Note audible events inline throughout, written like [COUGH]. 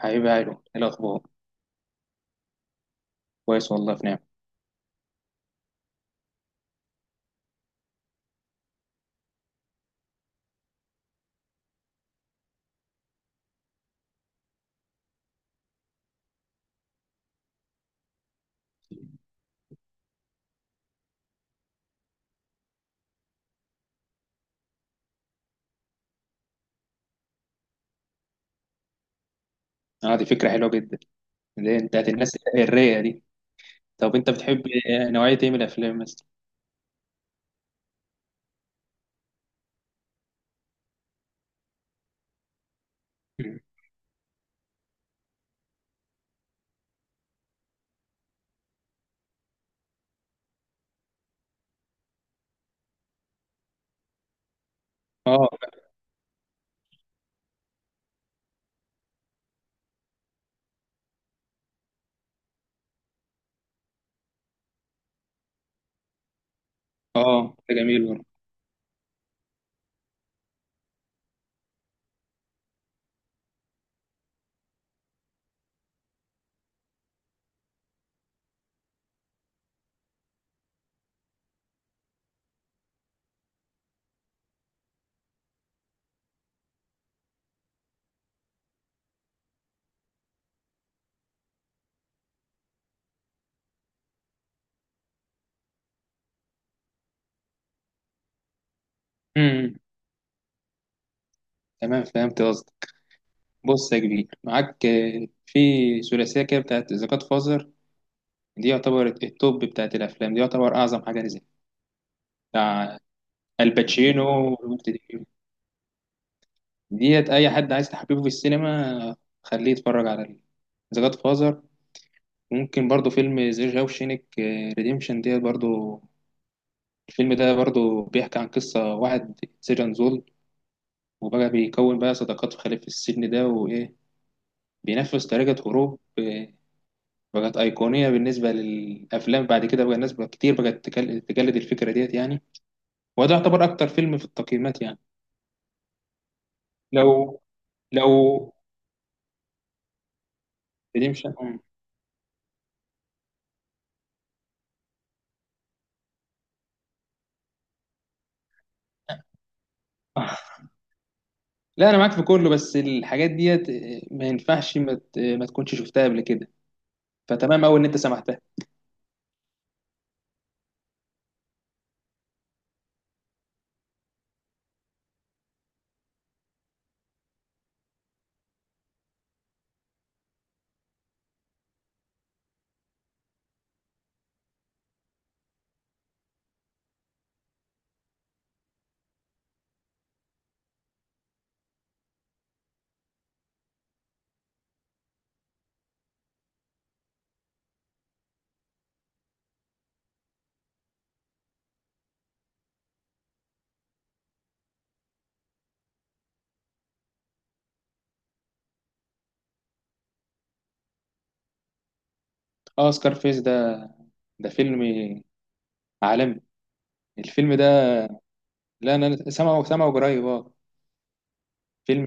حبيبي هايلو، ايه الاخبار؟ كويس، والله في نعمه. اه، دي فكره حلوه جدا. اللي هي بتاعت الناس الرايقه دي. طب انت بتحب نوعيه ايه من الافلام مثلا؟ [LAUGHS] مم. اه، اه، ده جميل برضه. امم تمام، فهمت قصدك. بص يا كبير، معاك في ثلاثيه كده بتاعت ذا جاد فازر. دي يعتبر التوب بتاعت الافلام، دي يعتبر اعظم حاجه نزلت، بتاع الباتشينو والروبرت دي. ديت اي حد عايز تحببه في السينما خليه يتفرج على ذا جاد فازر. ممكن برضو فيلم زي شاوشينك ريديمشن ديت برضو. الفيلم ده برضو بيحكي عن قصة واحد سجن زول، وبقى بيكون بقى صداقات في خلف السجن ده، وإيه بينفذ طريقة هروب بقت أيقونية بالنسبة للأفلام. بعد كده بقى الناس بقى كتير بقت تجلد الفكرة ديت يعني. وده يعتبر أكتر فيلم في التقييمات يعني. لو لو ريديمشن. [LAUGHS] لا، انا معاك في كله، بس الحاجات ديت ما ينفعش ما تكونش شفتها قبل كده. فتمام قوي ان انت سمعتها. اه، سكارفيس ده فيلم عالمي، الفيلم ده. لا، انا سامعه سامعه قريب، اه. فيلم،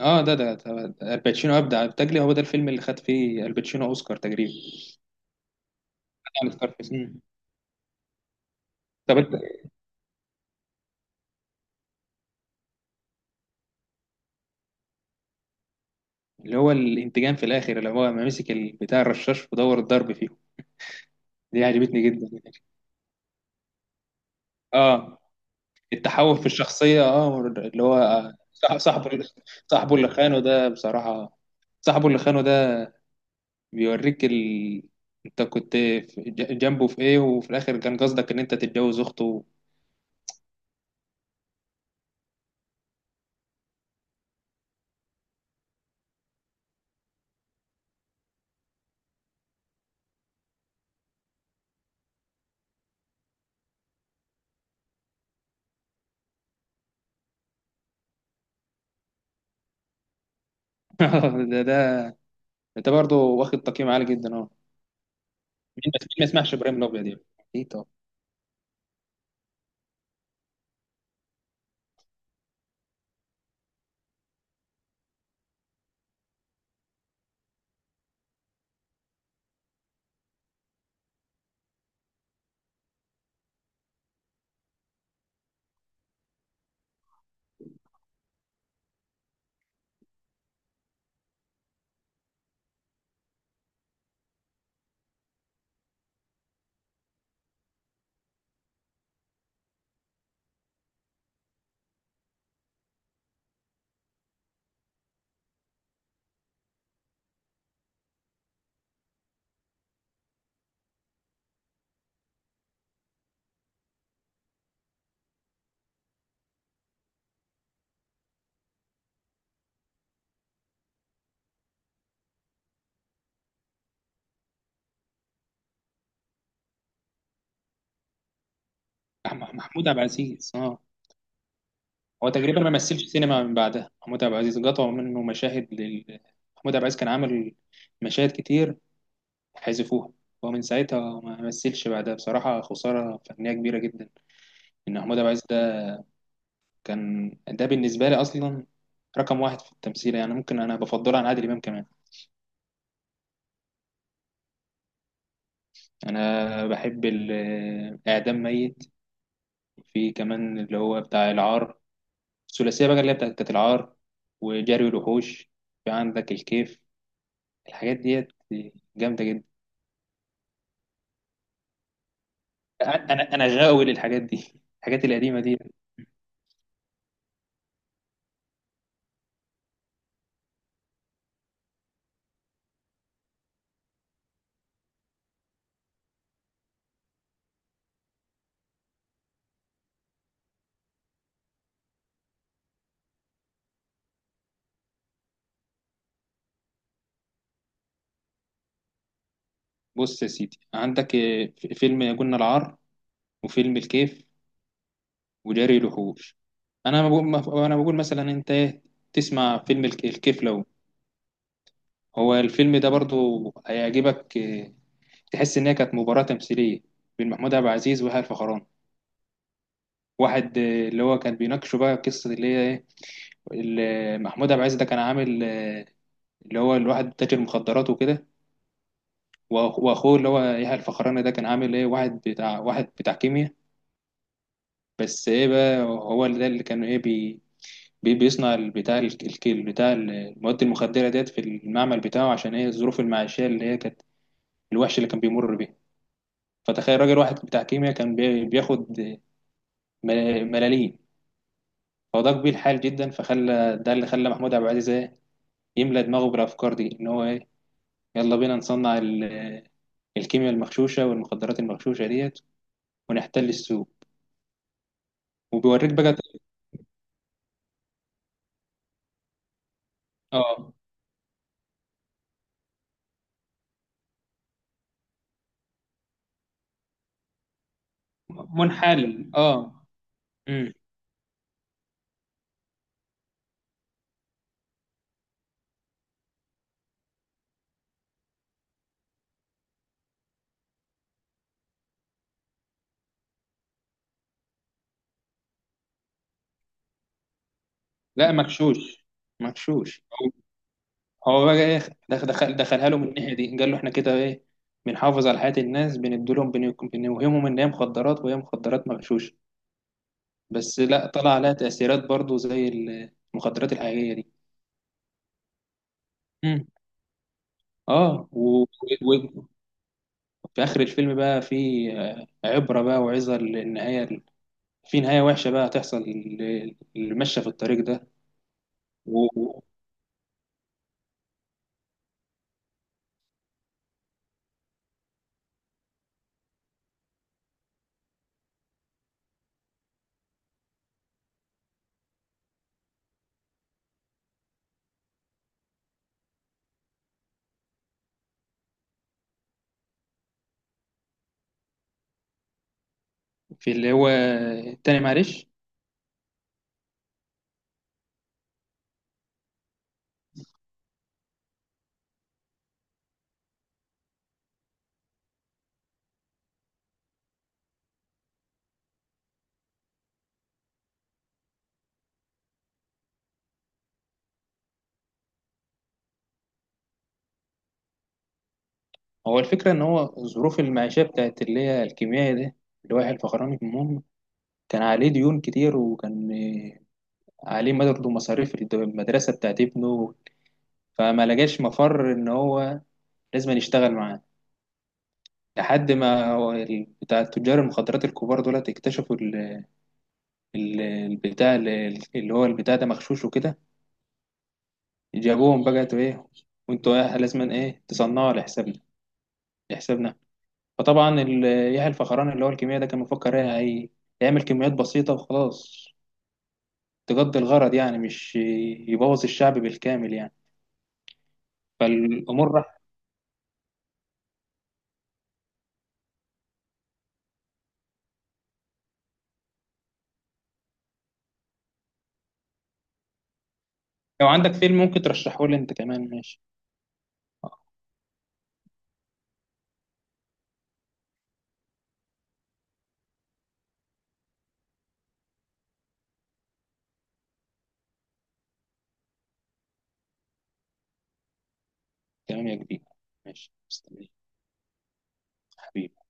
اه الباتشينو ابدع بتجلي، هو ده الفيلم اللي خد فيه الباتشينو اوسكار تقريبا. يعني سكارفيس. مم. طب انت. اللي هو الانتقام في الاخر، اللي هو ما مسك بتاع الرشاش ودور الضرب فيه. دي عجبتني جدا. اه، التحول في الشخصيه، اه اللي هو صاحبه. صاحبه اللي خانه ده، بصراحه، صاحبه اللي خانه ده بيوريك انت كنت جنبه في ايه، وفي الاخر كان قصدك ان انت تتجوز اخته. [LAUGHS] ده. انت برضه واخد تقييم عالي جدا، اه. مين ما يسمعش ابراهيم الابيض يعني. ايه طب. محمود عبد العزيز، اه. هو تقريبا ما مثلش سينما من بعدها. محمود عبد العزيز قطعوا منه مشاهد محمود عبد العزيز كان عامل مشاهد كتير، حذفوها. ومن ساعتها ما مثلش بعدها، بصراحة خسارة فنية كبيرة جدا إن محمود عبد العزيز كان ده. بالنسبة لي أصلا رقم 1 في التمثيل، يعني ممكن أنا بفضله عن عادل إمام كمان. أنا بحب ال- إعدام ميت في كمان اللي هو بتاع العار الثلاثية بقى اللي هي بتاعت بتاعت العار وجري الوحوش في عندك الكيف الحاجات ديت جامدة جدا أنا غاوي للحاجات دي، الحاجات القديمة دي. بص يا سيدي، عندك فيلم يا جن العار، وفيلم الكيف، وجري الوحوش. انا بقول انا بقول مثلا، انت إيه، تسمع فيلم الكيف. لو هو الفيلم ده برضو هيعجبك، تحس إنها كانت مباراة تمثيلية بين محمود عبد العزيز ويحيى الفخراني. واحد اللي هو كان بيناقشه بقى قصة اللي هي إيه، اللي محمود عبد العزيز ده كان عامل اللي هو الواحد تاجر مخدرات وكده. وأخوه اللي هو يحيى الفخراني ده كان عامل إيه، واحد بتاع كيمياء. بس إيه بقى، هو اللي ده اللي كان إيه بيصنع بتاع الكيل بتاع المواد المخدرة ديت في المعمل بتاعه، عشان إيه الظروف المعيشية اللي هي كانت الوحش اللي كان بيمر بيها. فتخيل راجل واحد بتاع كيمياء كان بياخد ملاليم، فده كبير الحال جدا، فخلى ده اللي خلى محمود عبد العزيز إيه؟ يملى دماغه بالافكار دي ان هو ايه، يلا بينا نصنع الكيمياء المغشوشه والمخدرات المغشوشه ديت ونحتل السوق. وبيوريك بقى، اه، منحل، اه. امم. لا، مغشوش، مغشوش. هو هو بقى ايه؟ دخلها له من الناحيه دي، قال له احنا كده ايه، بنحافظ على حياه الناس، بندولهم بنوهمهم ان هي مخدرات وهي مخدرات مغشوشه. بس لا، طلع عليها تأثيرات برضو زي المخدرات الحقيقية دي. مم. اه و- وفي آخر الفيلم بقى في عبرة بقى وعظة للنهاية. في نهاية وحشة بقى هتحصل اللي ماشية في الطريق ده. وفي اللي هو، تاني معلش. هو الفكرة إن هو الظروف المعيشية بتاعت اللي هي الكيميائي ده، اللي هو يحيى الفخراني، المهم كان عليه ديون كتير، وكان عليه برضه مصاريف المدرسة بتاعت ابنه، فما لقاش مفر إن هو لازم يشتغل معاه. لحد ما هو بتاع تجار المخدرات الكبار دول اكتشفوا اللي هو البتاع ده مغشوش وكده. جابوهم بقى، تو ايه وانتوا ايه لازما ايه تصنعوا لحسابنا لحسابنا. فطبعا يحيى الفخراني اللي هو الكيمياء ده كان مفكر ايه يعمل كميات بسيطة وخلاص، تقضي الغرض، يعني مش يبوظ الشعب بالكامل يعني. فالأمور راح. لو عندك فيلم ممكن ترشحه لي انت كمان ماشي. اه، تمام يا كبير. ماشي، مستني، حبيبي.